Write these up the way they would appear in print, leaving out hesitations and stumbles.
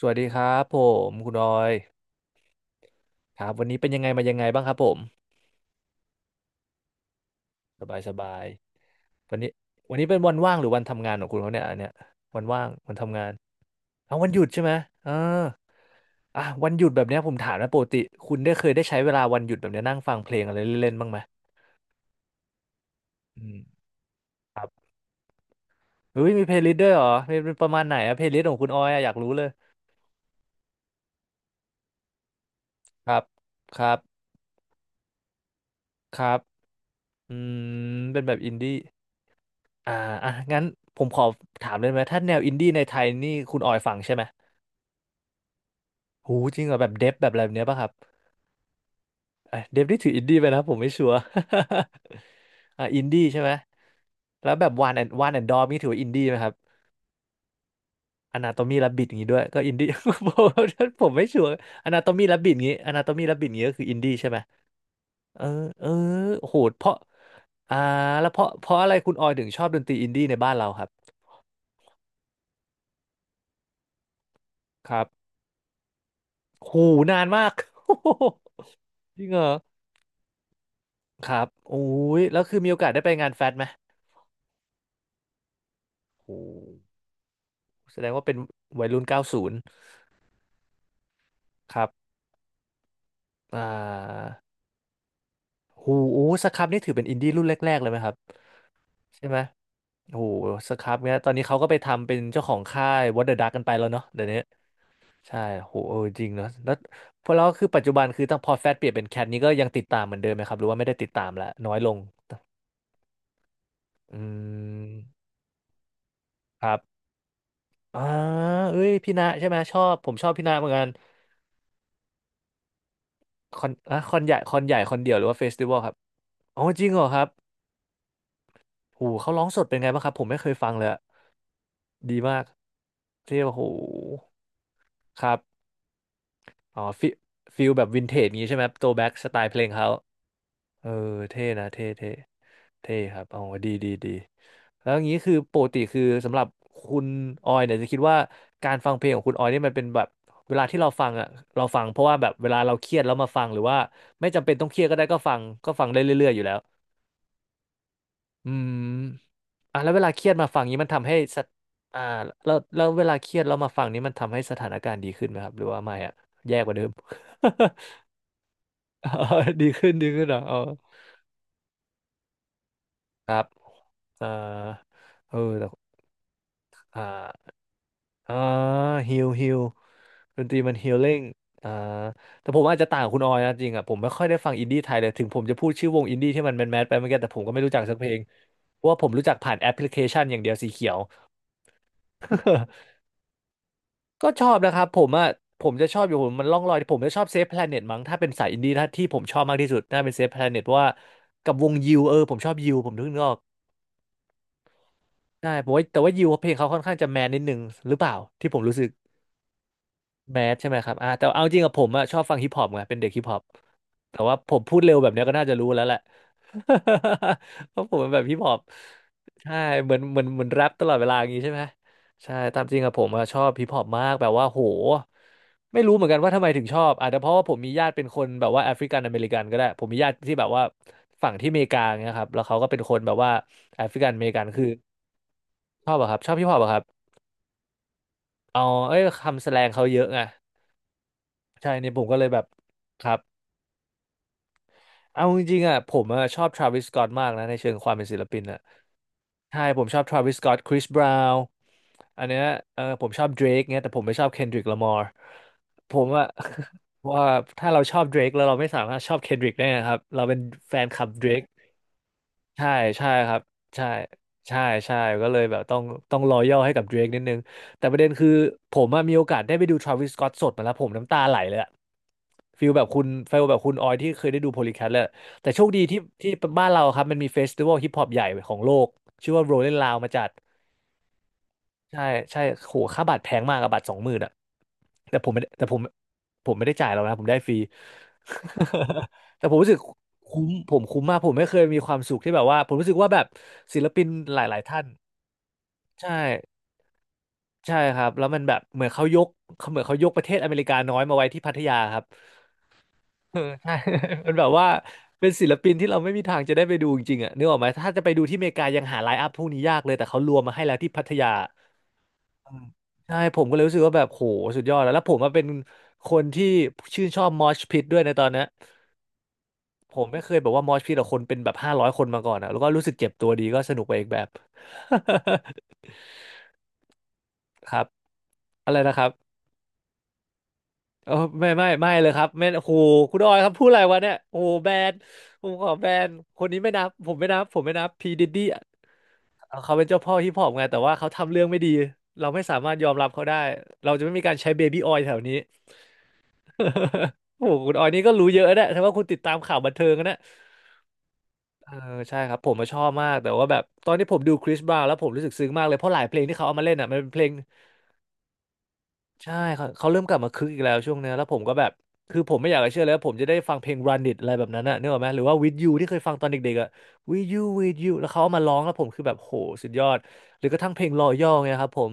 สวัสดีครับผมคุณออยครับวันนี้เป็นยังไงมายังไงบ้างครับผมสบายสบายวันนี้วันนี้เป็นวันว่างหรือวันทำงานของคุณเขาเนี่ยอันเนี้ยวันว่างวันทำงานเอาวันหยุดใช่ไหมเอออ่ะวันหยุดแบบเนี้ยผมถามนะปกติคุณได้เคยได้ใช้เวลาวันหยุดแบบเนี้ยนั่งฟังเพลงอะไรเล่นๆบ้างไหมอืมครับเฮ้ยมีเพลย์ลิสต์ด้วยเหรอเป็นเป็นประมาณไหนอะเพลย์ลิสต์ของคุณออยอะอยากรู้เลยครับครับครับอืมเป็นแบบอินดี้ อ่าอ่ะงั้นผมขอถามเลยไหมถ้าแนวอินดี้ในไทยนี่คุณออยฟังใช่ไหมหูจริงเหรอแบบเดฟแบบอะไรแบบเนี้ยป่ะครับเอ้ยเดฟนี่ถืออินดี้ไปนะผมไม่ชัวร์ อ่าอินดี้ใช่ไหมแล้วแบบวานแอนวานแอนดอมนี่ถือว่าอินดี้ไหมครับอนาโตมีรับบิดอย่างงี้ด้วยก็อินดี้ ผมไม่ชัวร์อนาโตมีรับบิดงี้อนาโตมีรับบิดงี้ก็คืออินดี้ใช่ไหมเออเออโหดเพราะอ่าแล้วเพราะอะไรคุณออยถึงชอบดนตรีอินดี้ในบ้านเราครับครับหูนานมาก จริงเหรอ ครับโอ้ยแล้วคือมีโอกาสได้ไปงานแฟตไหมโอ้แสดงว่าเป็นวัยรุ่นเก้าศูนย์ครับอ่าโหโอ้สครับนี่ถือเป็นอินดี้รุ่นแรกๆเลยไหมครับใช่ไหมโอ้โหสครับเนี้ยตอนนี้เขาก็ไปทำเป็นเจ้าของค่าย What the Duck กันไปแล้วเนาะเดี๋ยวนี้ใช่โหเออจริงเนาะแล้วพอแล้วคือปัจจุบันคือตั้งพอแฟตเปลี่ยนเป็นแคทนี้ก็ยังติดตามเหมือนเดิมไหมครับหรือว่าไม่ได้ติดตามละน้อยลงอืมครับอ่าเอ้ยพี่ณะใช่ไหมชอบผมชอบพี่ณะเหมือนกัน คอนอะคอนใหญ่คอนใหญ่คอนเดียวหรือว่าเฟสติวัลครับอ๋อจริงเหรอครับโหเขาร้องสดเป็นไงบ้างครับผมไม่เคยฟังเลยอะดีมากที่โอ้โหครับอ๋อฟิลแบบวินเทจงี้ใช่ไหมครับโตแบ็กสไตล์เพลงเขาเออเท่นะเท่ครับอ๋อดีแล้วอย่างนี้คือปกติคือสำหรับคุณออยเนี่ยจะคิดว่าการฟังเพลงของคุณออยนี่มันเป็นแบบเวลาที่เราฟังอ่ะเราฟังเพราะว่าแบบเวลาเราเครียดแล้วมาฟังหรือว่าไม่จำเป็นต้องเครียดก็ได้ก็ฟังได้เรื่อยๆอยู่แล้ว อืมอ่ะแล้วเวลาเครียดมาฟังนี้มันทำให้สถอ่าแล้วเวลาเครียดเรามาฟังนี้มันทำให้สถานการณ์ดีขึ้นไหมครับหรือว่าไม่อะแย่กว่าเดิม อ๋อ ดีขึ้นเหรออ๋อครับอ่าเออแต่อ่าอ่าฮิลฮิลดนตรีมันฮิลลิ่งอ่าแต่ผมอาจจะต่างกับคุณออยนะจริงอ่ะผมไม่ค่อยได้ฟังอินดี้ไทยเลยถึงผมจะพูดชื่อวงอินดี้ที่มันแมนแมสไปเมื่อกี้แต่ผมก็ไม่รู้จักสักเพลงเพราะว่าผมรู้จักผ่านแอปพลิเคชันอย่างเดียวสีเขียว ก็ชอบนะครับผมอ่ะผมจะชอบอยู่ผมมันล่องลอยผมจะชอบเซฟแพลเน็ตมั้งถ้าเป็นสายอินดี้ถ้าที่ผมชอบมากที่สุดน่าเป็นเซฟแพลเน็ตเพราะว่ากับวงยิวเออผมชอบยิวผมนึกออกใช่ผมว่าแต่ว่ายิวเพลงเขาค่อนข้างจะแมนนิดนึงหรือเปล่าที่ผมรู้สึก แมสใช่ไหมครับอ่าแต่เอาจริงกับผมอะชอบฟังฮิปฮอปไงเป็นเด็กฮิปฮอปแต่ว่าผมพูดเร็วแบบเนี้ยก็น่าจะรู้แล้วแหละ เพราะผมเป็นแบบฮิปฮอปใช่เหมือนแรปตลอดเวลาอย่างงี้ใช่ไหมใช่ตามจริงกับผมอะชอบฮิปฮอปมากแบบว่าโหไม่รู้เหมือนกันว่าทำไมถึงชอบอาจจะเพราะว่าผมมีญาติเป็นคนแบบว่าแอฟริกันอเมริกันก็ได้ผมมีญาติที่แบบว่าฝั่งที่อเมริกาเงี้ยครับแล้วเขาก็เป็นคนแบบว่าแอฟริกันอเมริกันคือชอบอะครับชอบฮิปฮอปอะครับเอาเอ้ยคำแสแลงเขาเยอะไงใช่เนี่ยผมก็เลยแบบครับ เอาจริงๆอ่ะผมอะชอบทราวิสสก็อตมากนะในเชิงความเป็นศิลปินอ่ะใช่ผมชอบทราวิสสก็อตคริสบราวน์อันเนี้ยเออผมชอบเดรกเงี้ยแต่ผมไม่ชอบเคนดริกล a มอร์ผมอ่ะ ว่าถ้าเราชอบเดรกแล้วเราไม่สามารถชอบเคนดริกได้นะครับเราเป็นแฟนคลับเดรก ใช่ใช่ครับใช่ใช่ใช่ก็เลยแบบต้องรอยัลให้กับเดรกนิดนึงแต่ประเด็นคือผมอะมีโอกาสได้ไปดูทราวิสสก็อตสดมาแล้วผมน้ำตาไหลเลยอะฟิลแบบคุณฟิลแบบคุณออยที่เคยได้ดูโพลีแคทแล้วแต่โชคดีที่ที่บ้านเราครับมันมีเฟสติวัลฮิปฮอปใหญ่ของโลกชื่อว่าโรลเลนลาวมาจัด ใช่ใช่โหค่าบัตรแพงมากอะบัตร20,000อะแต่ผมไม่ได้แต่ผมผมไม่ได้จ่ายแล้วนะผมได้ฟรี แต่ผมรู้สึกคุ้มผมคุ้มมากผมไม่เคยมีความสุขที่แบบว่าผมรู้สึกว่าแบบศิลปินหลายๆท่านใช่ใช่ครับแล้วมันแบบเหมือนเขายกเขายกประเทศอเมริกาน้อยมาไว้ที่พัทยาครับ เออใช่ มันแบบว่าเป็นศิลปินที่เราไม่มีทางจะได้ไปดูจริงๆอ่ะนึกออกไหมถ้าจะไปดูที่อเมริกายังหาไลน์อัพพวกนี้ยากเลยแต่เขารวมมาให้แล้วที่พัทยา อืมใช่ผมก็เลยรู้สึกว่าแบบโหสุดยอดแล้วแล้วผมมาเป็นคนที่ชื่นชอบมอชพิทด้วยในตอนเนี้ยผมไม่เคยแบบว่ามอชพิทกับคนเป็นแบบ500คนมาก่อนอะแล้วก็รู้สึกเจ็บตัวดีก็สนุกไปอีกแบบ ครับอะไรนะครับเออไม่ไม่ไม่เลยครับไม่โอ้โหคุณออยครับพูดอะไรวะเนี่ยโอ้โหแบนผมขอแบนคนนี้ไม่นับผมไม่นับผมไม่นับพีดิดดี้เขาเป็นเจ้าพ่อฮิปฮอปไงแต่ว่าเขาทำเรื่องไม่ดีเราไม่สามารถยอมรับเขาได้เราจะไม่มีการใช้เบบี้ออยล์แถวนี้ โอ้โห คุณออยนี่ก็รู้เยอะนะแต่ว่าคุณติดตามข่าวบันเทิงนะเออใช่ครับผมมาชอบมาก แต่ว่าแบบตอนที่ผมดูคริสบราวน์แล้วผมรู้สึกซึ้งมากเลย เพราะหลายเพลงที่เขาเอามาเล่นอ่ะมันเป็นเพลงใช่เขาเริ่มกลับมาคึกอีกแล้วช่วงเนี้ยแล้วผมก็แบบ คือผมไม่อยากจะเชื่อเลยว่าผมจะได้ฟังเพลง Run It อะไรแบบนั้นน่ะนึกออกไหมหรือว่า With You ที่เคยฟังตอนเด็กๆอ่ะ With You With You แล้วเขาเอามาร้องแล้วผมคือแบบโหสุดยอดหรือกระทั่งเพลง Loyal เนี่ยครับผม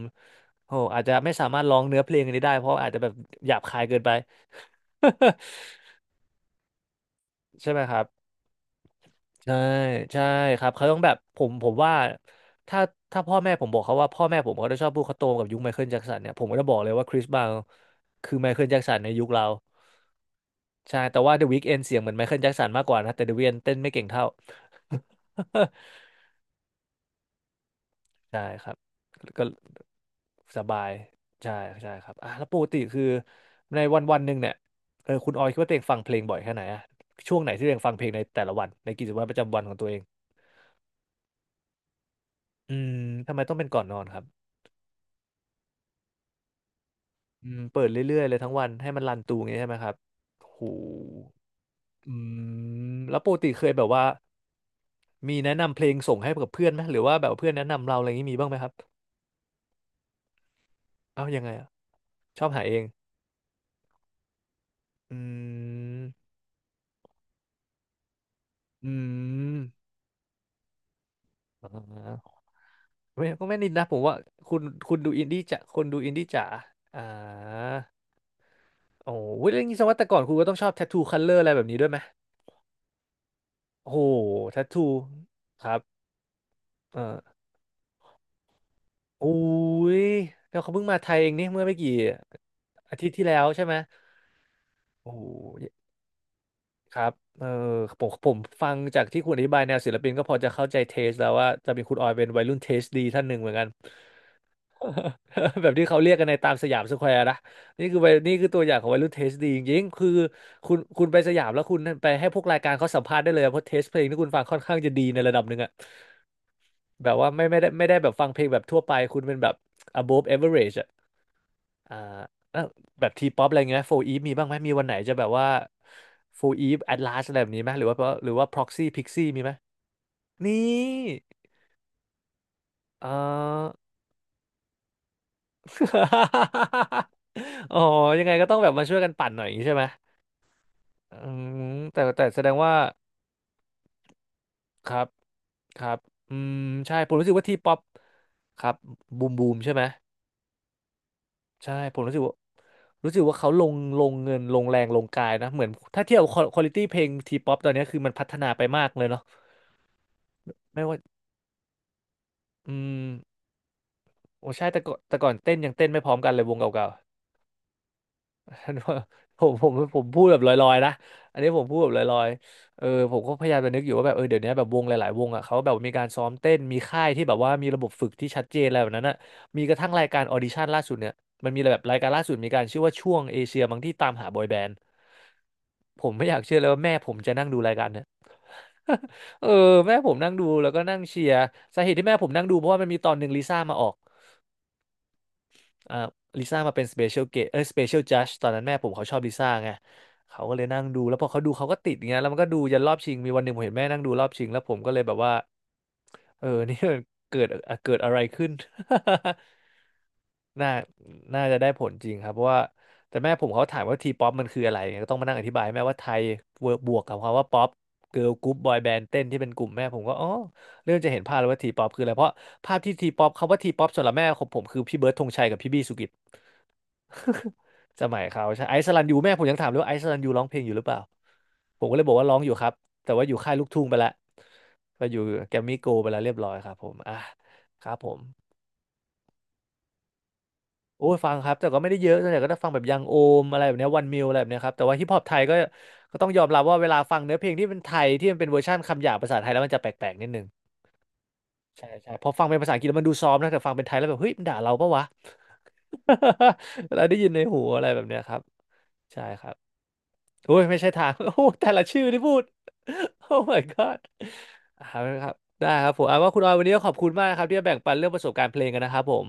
โหอาจจะไม่สามารถร้องเนื้อเพลงอันนี้ได้เพราะอาจจะแบบหยาบคายเกินไป ใช่ไหมครับ ใช่ใช่ครับเขาต้องแบบผมผมว่าถ้าถ้าพ่อแม่ผมบอกเขาว่าพ่อแม่ผมเขาจะชอบพูดเขาโตมกับยุคไมเคิลแจ็คสันเนี่ยผมก็จะบอกเลยว่าคริสบราวน์คือไมเคิลแจ็คสันในยุคเราใช่แต่ว่า The Weeknd เอนเสียงเหมือนไมเคิลแจ็คสันมากกว่านะแต่ The Weeknd เอนเต้นไม่เก่งเท่า ใช่ครับก็สบายใช่ใช่ครับอ่ะแล้วปกติคือในวันวันหนึ่งเนี่ยเออคุณออยคิดว่าตัวเองฟังเพลงบ่อยแค่ไหนอะช่วงไหนที่ตัวเองฟังเพลงในแต่ละวันในกิจวัตรประจำวันของตัวเอง อืมทำไมต้องเป็นก่อนนอนครับอืมเปิดเรื่อยๆเลยทั้งวันให้มันรันตูงี้ใช่ไหมครับโหอืมแล้วปกติเคยแบบว่ามีแนะนำเพลงส่งให้กับเพื่อนไหมหรือว่าแบบเพื่อนแนะนำเราอะไรอย่างนี้มีบ้างไหมครับเอ้ายังไงอะชอบหาเองอืมอืมอ่าไม่ก็ไม่นิดนะผมว่าคุณคุณดูอินดี้จ๋าคนดูอินดี้จ๋าอ่าโอ้โหเรื่องนี้แสดงว่าแต่ก่อนคุณก็ต้องชอบแท t ทูคัลเลอร์อะไรแบบนี้ด้วยไหมโอ้โหแท t ทูครับเออ อุ้ยแล้วเขาเพิ่งมาไทยเองนี่เมื่อไม่กี่อาทิตย์ที่แล้วใช่ไหม โอ้โหครับเออผมฟังจากที่คุณอธิบายแนวศิลปินก็พอจะเข้าใจเทสแล้วว่าจะเป็นคุณออยเป็นวัยรุ่นเทสดีท่านหนึ่งเหมือนกัน แบบที่เขาเรียกกันในตามสยามสแควร์นะนี่คือวัยนี่คือตัวอย่างของวัยรุ่นเทสดีจริงๆคือคุณไปสยามแล้วคุณไปให้พวกรายการเขาสัมภาษณ์ได้เลยเพราะเทสเพลงที่คุณฟังค่อนข้างจะดีในระดับหนึ่งอะแบบว่าไม่ได้แบบฟังเพลงแบบทั่วไปคุณเป็นแบบ above average อ่าแล้วแบบทีป๊อปอะไรเงี้ยโฟอีฟมีบ้างไหมมีวันไหนจะแบบว่าโฟอีฟแอดลาสอะไรแบบนี้ไหมหรือว่าพ็อกซี่พิกซี่มีไหมนี่เออ อ๋อยังไงก็ต้องแบบมาช่วยกันปั่นหน่อยอย่างนี้ใช่ไหมอืมแต่แสดงว่าครับครับอืมใช่ผมรู้สึกว่าทีป๊อปครับบูมบูมใช่ไหมใช่ผมรู้สึกว่ารู้สึกว่าเขาลงเงินลงแรงลงกายนะเหมือนถ้าเทียบควอลิตี้เพลงทีป๊อปตอนเนี้ยคือมันพัฒนาไปมากเลยเนาะ ไม่ว่าอืมโอ้ใช่แต่ก่อนเต้นยังเต้นไม่พร้อมกันเลยวงเก่าๆ ผมพูดแบบลอยๆนะอันนี้ผมพูดแบบลอยๆเออผมก็พยายามจะนึกอยู่ว่าแบบเออเดี๋ยวนี้แบบวงหลายๆวงอ่ะเขาแบบมีการซ้อมเต้นมีค่ายที่แบบว่ามีระบบฝึกที่ชัดเจนอะไรแบบนั้นอ่ะมีกระทั่งรายการออดิชั่นล่าสุดเนี่ยมันมีแบบรายการล่าสุดมีการชื่อว่าช่วงเอเชียบางที่ตามหาบอยแบนด์ผมไม่อยากเชื่อเลยว่าแม่ผมจะนั่งดูรายการเนี่ย เออแม่ผมนั่งดูแล้วก็นั่งเชียร์สาเหตุที่แม่ผมนั่งดูเพราะว่ามันมีตอนหนึ่งลิซ่ามาออก เอ่อลิซ่ามาเป็นสเปเชียลเอ้ยสเปเชียลจัดตอนนั้นแม่ผมเขาชอบลิซ่าไงเขาก็เลยนั่งดูแล้วพอเขาดูเขาก็ติดอย่างเงี้ยแล้วมันก็ดูยันรอบชิงมีวันหนึ่งผมเห็นแม่นั่งดูรอบชิงแล้วผมก็เลยแบบว่า เออ นี่มันเกิดเกิดอะไรขึ้น น่าน่าจะได้ผลจริงครับเพราะว่าแต่แม่ผมเขาถามว่าทีป๊อปมันคืออะไรเนี่ยก็ต้องมานั่งอธิบายแม่ว่าไทยบวกกับคำว่าป๊อปเกิร์ลกรุ๊ปบอยแบนด์เต้นที่เป็นกลุ่มแม่ผมก็อ๋อเริ่มจะเห็นภาพแล้วว่าทีป๊อปคืออะไร เพราะภาพที่ทีป๊อปคำว่าทีป๊อปสำหรับแม่ของผมคือพี่เบิร์ดธงชัยกับพี่บี้สุกิจ สมัยเขาใช่ไอซ์สลันยูแม่ผมยังถามเลยว่าไอซ์สลันยูร้องเพลงอยู่หรือเปล่าผมก็เลยบอกว่าร้องอยู่ครับแต่ว่าอยู่ค่ายลูกทุ่งไปแล้ว ก็อยู่แกรมมี่โกลไปแล้วเรียบร้อยครับผมอ่ะครับผมโอ้ยฟังครับแต่ก็ไม่ได้เยอะส่วนใหญ่ก็จะฟังแบบยังโอมอะไรแบบเนี้วันมิวอะไรแบบเนี้ยครับแต่ว่าฮิปฮอปไทยก็ก็ต้องยอมรับว่าเวลาฟังเนื้อเพลงที่เป็นไทยที่มันเป็นเวอร์ชันคำหยาบภาษาไทยแล้วมันจะแปลกๆนิดนึงใช่ใช่พอฟังเป็นภาษาอังกฤษแล้วมันดูซอฟต์นะแต่ฟังเป็นไทยแล้วแบบเฮ้ยมันด่าเราปะวะ เราได้ยินในหูอะไรแบบเนี้ยครับใช่ครับโอ้ยไม่ใช่ทาง โอ้แต่ละชื่อที่พูดโอ้ my god อ่าครับได้ครับผมเอาว่าคุณออยวันนี้ก็ขอบคุณมากนะครับที่มาแบ่งปันเรื่องประสบการณ์เพลงกันนะครับผม